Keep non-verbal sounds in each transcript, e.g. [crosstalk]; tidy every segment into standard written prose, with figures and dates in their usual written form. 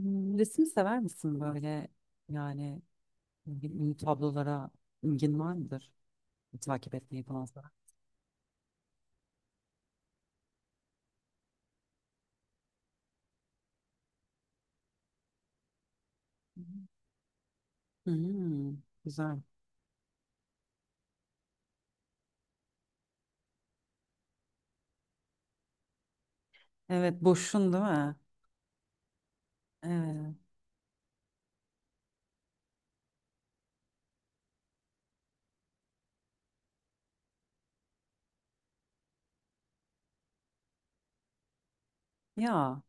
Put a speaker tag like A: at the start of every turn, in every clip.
A: Resim sever misin böyle yani, ünlü tablolara ilgin var mıdır? Takip etmeyi falan sever misin? Hmm, güzel. Evet, boşsun değil mi? Evet. Ya,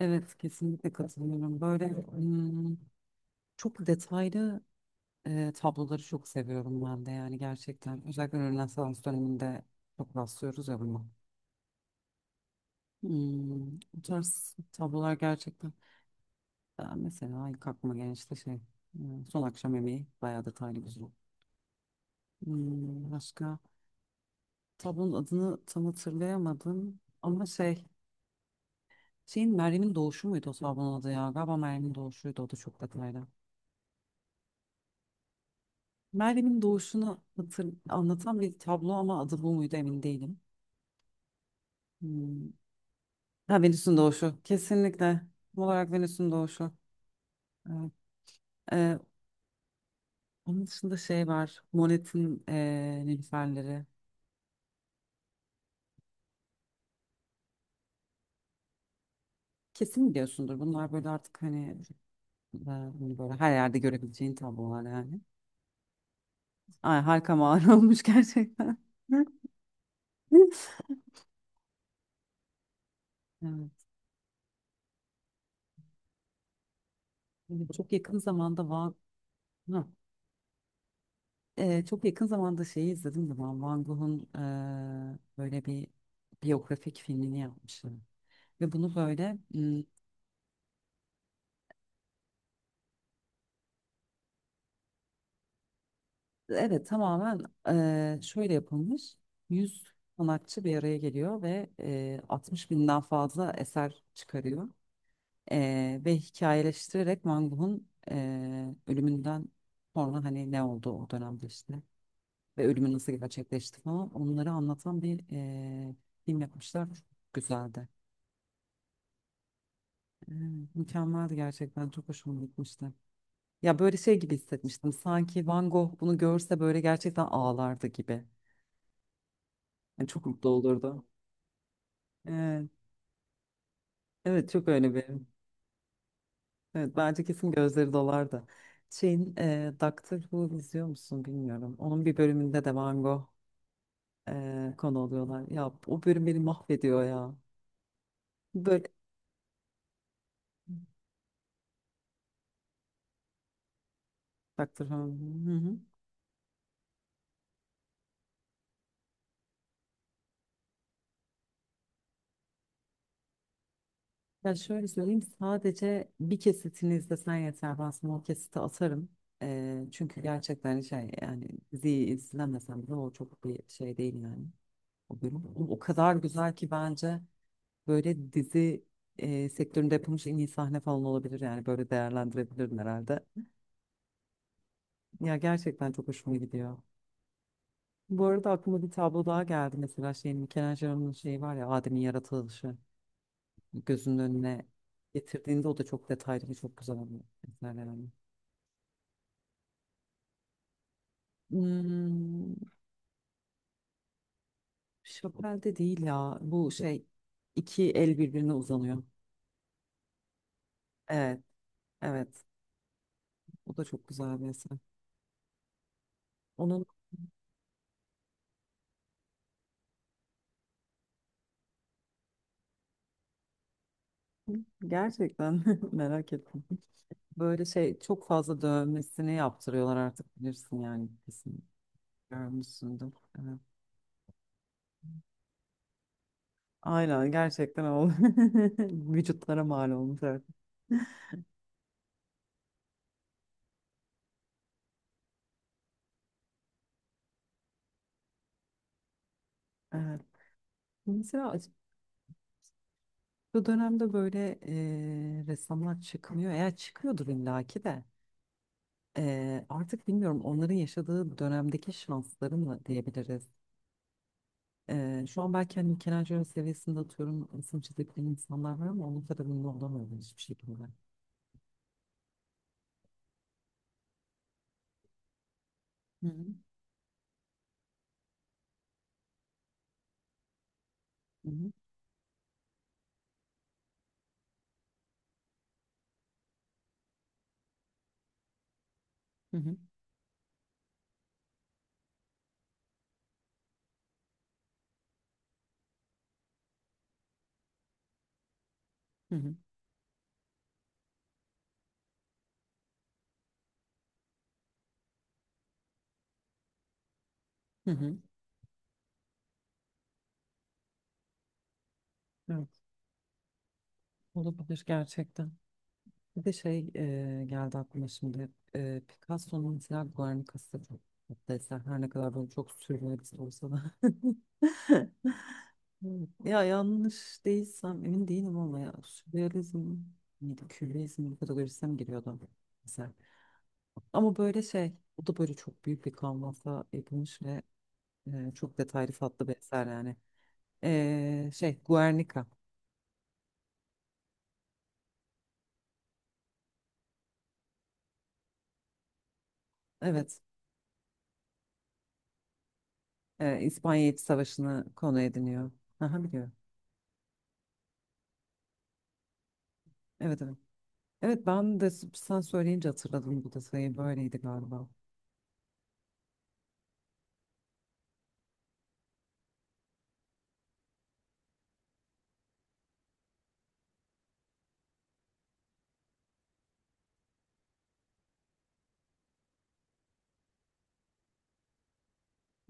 A: evet, kesinlikle katılıyorum. Böyle, çok detaylı, tabloları çok seviyorum ben de yani, gerçekten. Özellikle Rönesans döneminde çok rastlıyoruz ya buna. Bu tarz tablolar, gerçekten. Ben mesela ilk aklıma gelen, işte şey, son akşam yemeği, bayağı detaylı, güzel. Başka tablonun adını tam hatırlayamadım ama şey, şeyin Meryem'in doğuşu muydu o tablonun adı? Ya galiba Meryem'in doğuşuydu, o da çok detaylı. Meryem'in doğuşunu anlatan bir tablo ama adı bu muydu emin değilim. Hmm. Ha, Venüs'ün doğuşu, kesinlikle tam olarak Venüs'ün doğuşu. Evet. Ee, Onun dışında şey var, Monet'in, Nilüferleri. Kesin biliyorsundur. Bunlar böyle artık hani, ben bunu böyle her yerde görebileceğin tablolar yani. Ay, harika mağara [laughs] olmuş gerçekten. [laughs] Evet. Şimdi Çok yakın zamanda Van Ha, çok yakın zamanda şeyi izledim de ben, Van Gogh'un böyle bir biyografik filmini yapmışlar. Ve bunu böyle, evet tamamen, şöyle yapılmış. 100 sanatçı bir araya geliyor ve 60 binden fazla eser çıkarıyor. Ve hikayeleştirerek Van Gogh'un, ölümünden sonra hani ne oldu o dönemde işte, ve ölümü nasıl gerçekleşti falan, onları anlatan bir film yapmışlar. Çok güzeldi. Eee, mükemmeldi gerçekten, çok hoşuma gitmişti. Ya, böyle şey gibi hissetmiştim, sanki Van Gogh bunu görse böyle gerçekten ağlardı gibi. Yani çok mutlu olurdu. Evet, evet, çok öyle bir. Evet, bence kesin gözleri dolardı. Şeyin Doctor Who izliyor musun bilmiyorum. Onun bir bölümünde de Van Gogh konu oluyorlar. Ya, o bölüm beni mahvediyor ya. Böyle [laughs] Doctor Who. Hı hı. Ya şöyle söyleyeyim, sadece bir kesitini izlesen yeter. Ben sana o kesiti atarım. Çünkü gerçekten şey yani, diziyi izlemesen bile o çok bir şey değil yani. O bölüm. O kadar güzel ki bence, böyle dizi sektöründe yapılmış en iyi sahne falan olabilir yani, böyle değerlendirebilirim herhalde. Ya gerçekten çok hoşuma gidiyor. Bu arada aklıma bir tablo daha geldi, mesela şey, Michelangelo'nun şeyi var ya, Adem'in yaratılışı. Gözünün önüne getirdiğinde, o da çok detaylı ve çok güzel bir eser yani. Hmm, Chapelle de değil ya, bu şey, iki el birbirine uzanıyor. Evet, evet, o da çok güzel bir eser. Onun gerçekten [laughs] merak ettim. Böyle şey çok fazla dövmesini yaptırıyorlar artık, bilirsin yani, kesin görmüşsündür. Evet. Aynen, gerçekten oldu. [laughs] Vücutlara mal olmuş artık. Evet. Mesela bu dönemde böyle ressamlar çıkmıyor. Eğer çıkıyordur illaki de, artık bilmiyorum, onların yaşadığı dönemdeki şansları mı diyebiliriz. Şu an belki hani Michelangelo seviyesinde, atıyorum, resim çizebilen insanlar var ama onun kadar ünlü olamıyorlar hiçbir şekilde. Hı hı. Hı hı. Hı hı. Hı hı. Hı hı. Evet, olabilir gerçekten. Bir de şey geldi aklıma şimdi. Picasso'nun mesela Guernica'sı çok tatlı eser. Her ne kadar böyle çok sürrealist olsa da. [laughs] Evet. Ya, yanlış değilsem emin değilim ama ya, sürrealizm miydi, kübrizm kategorisine mi giriyordu mesela? Ama böyle şey, o da böyle çok büyük bir kanvasa yapılmış ve çok detaylı, tatlı bir eser yani. Şey, Guernica. Evet, İspanya İç Savaşı'nı konu ediniyor. Aha, biliyorum. Evet, evet. Evet, ben de sen söyleyince hatırladım bu detayı. Böyleydi galiba.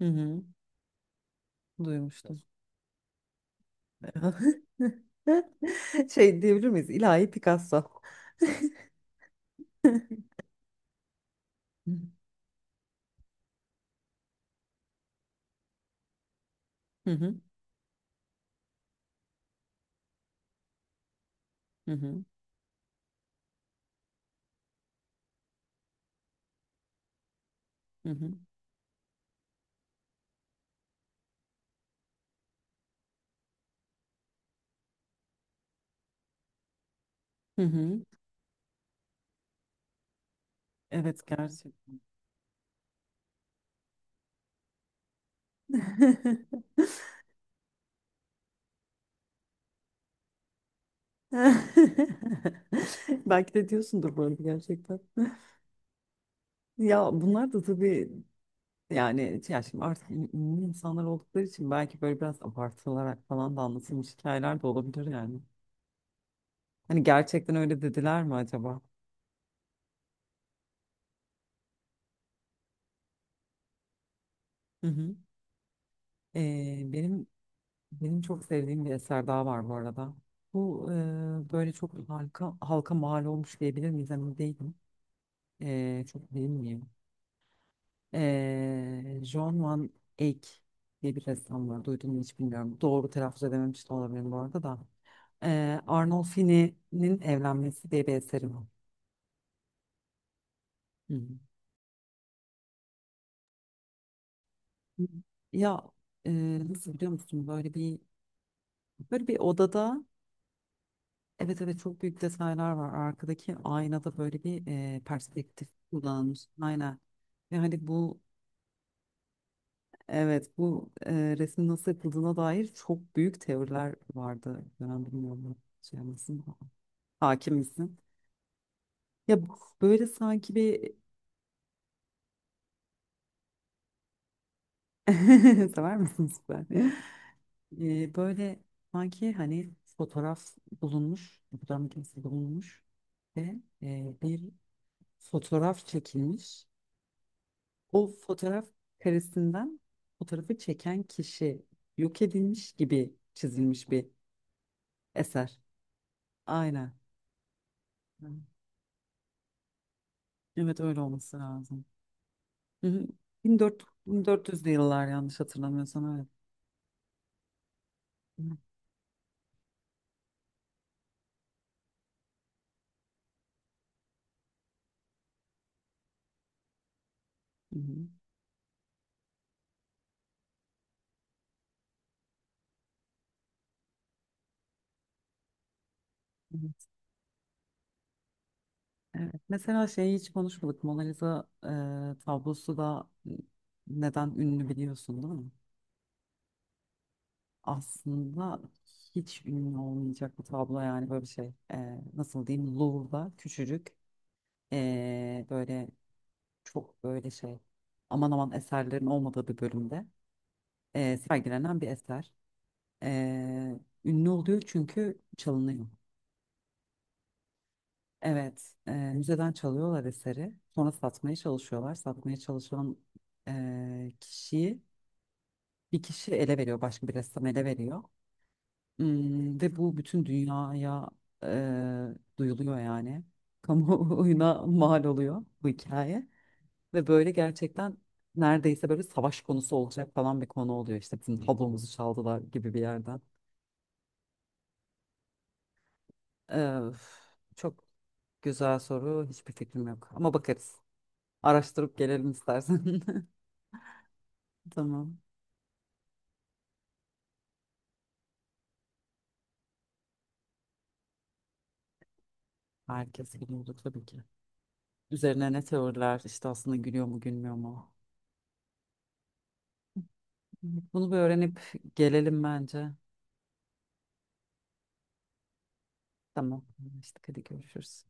A: Hı hı. Duymuştum. [laughs] Şey diyebilir miyiz? İlahi Picasso. [laughs] Hı hı. Hı hı. Hı hı. Hı hı. Evet, gerçekten. [laughs] Belki de diyorsundur bu arada, gerçekten. [laughs] Ya, bunlar da tabii. Yani ya şimdi artık ünlü insanlar oldukları için, belki böyle biraz abartılarak falan da anlatılmış hikayeler de olabilir yani. Hani gerçekten öyle dediler mi acaba? Hı hı. Ee, benim benim çok sevdiğim bir eser daha var bu arada. Bu böyle çok halka mal olmuş diyebilir miyiz, emin değilim. Çok bilmiyorum. John Van Eyck diye bir ressam var. Duydun mu hiç bilmiyorum. Doğru telaffuz edememiş de olabilirim bu arada da. Arnolfini'nin Evlenmesi diye bir eseri var. Hı hı. Ya, e, nasıl biliyor musun, böyle bir, böyle bir odada, evet evet, çok büyük detaylar var, arkadaki aynada böyle bir perspektif kullanılmış aynen. Ve hani bu, evet, bu resmin nasıl yapıldığına dair çok büyük teoriler vardı, ben bilmiyorum. Şey misin Hakim misin? Ya, böyle sanki bir [laughs] sever misin, süper. Böyle sanki hani fotoğraf bulunmuş, fotoğraf makinesi bulunmuş ve bir fotoğraf çekilmiş. O fotoğraf karesinden fotoğrafı çeken kişi yok edilmiş gibi çizilmiş bir eser. Aynen. Hı. Evet, öyle olması lazım. Hı hı. 1400, 1400'lü yıllar yanlış hatırlamıyorsam, evet. Hı hı. Hı hı. Evet. Mesela şeyi hiç konuşmadık, Mona Lisa tablosu da neden ünlü biliyorsun değil mi? Aslında hiç ünlü olmayacak bir tablo yani, böyle bir şey. Nasıl diyeyim? Louvre'da küçücük, böyle çok böyle şey, aman aman eserlerin olmadığı bir bölümde sergilenen bir eser. E, ünlü oluyor çünkü çalınıyor. Evet, müzeden çalıyorlar eseri. Sonra satmaya çalışıyorlar. Satmaya çalışan kişiyi, bir kişi ele veriyor, başka bir ressam ele veriyor. Ve bu bütün dünyaya duyuluyor yani. [laughs] Kamuoyuna mal oluyor bu hikaye. Ve böyle gerçekten neredeyse böyle savaş konusu olacak falan bir konu oluyor. İşte bizim tablomuzu çaldılar gibi bir yerden. Üf, çok güzel soru. Hiçbir fikrim yok. Ama bakarız. Araştırıp gelelim istersen. [laughs] Tamam. Herkes biliyordu tabii ki. Üzerine ne teoriler işte, aslında gülüyor mu gülmüyor mu? Bunu bir öğrenip gelelim bence. Tamam. Anlaştık. Hadi görüşürüz.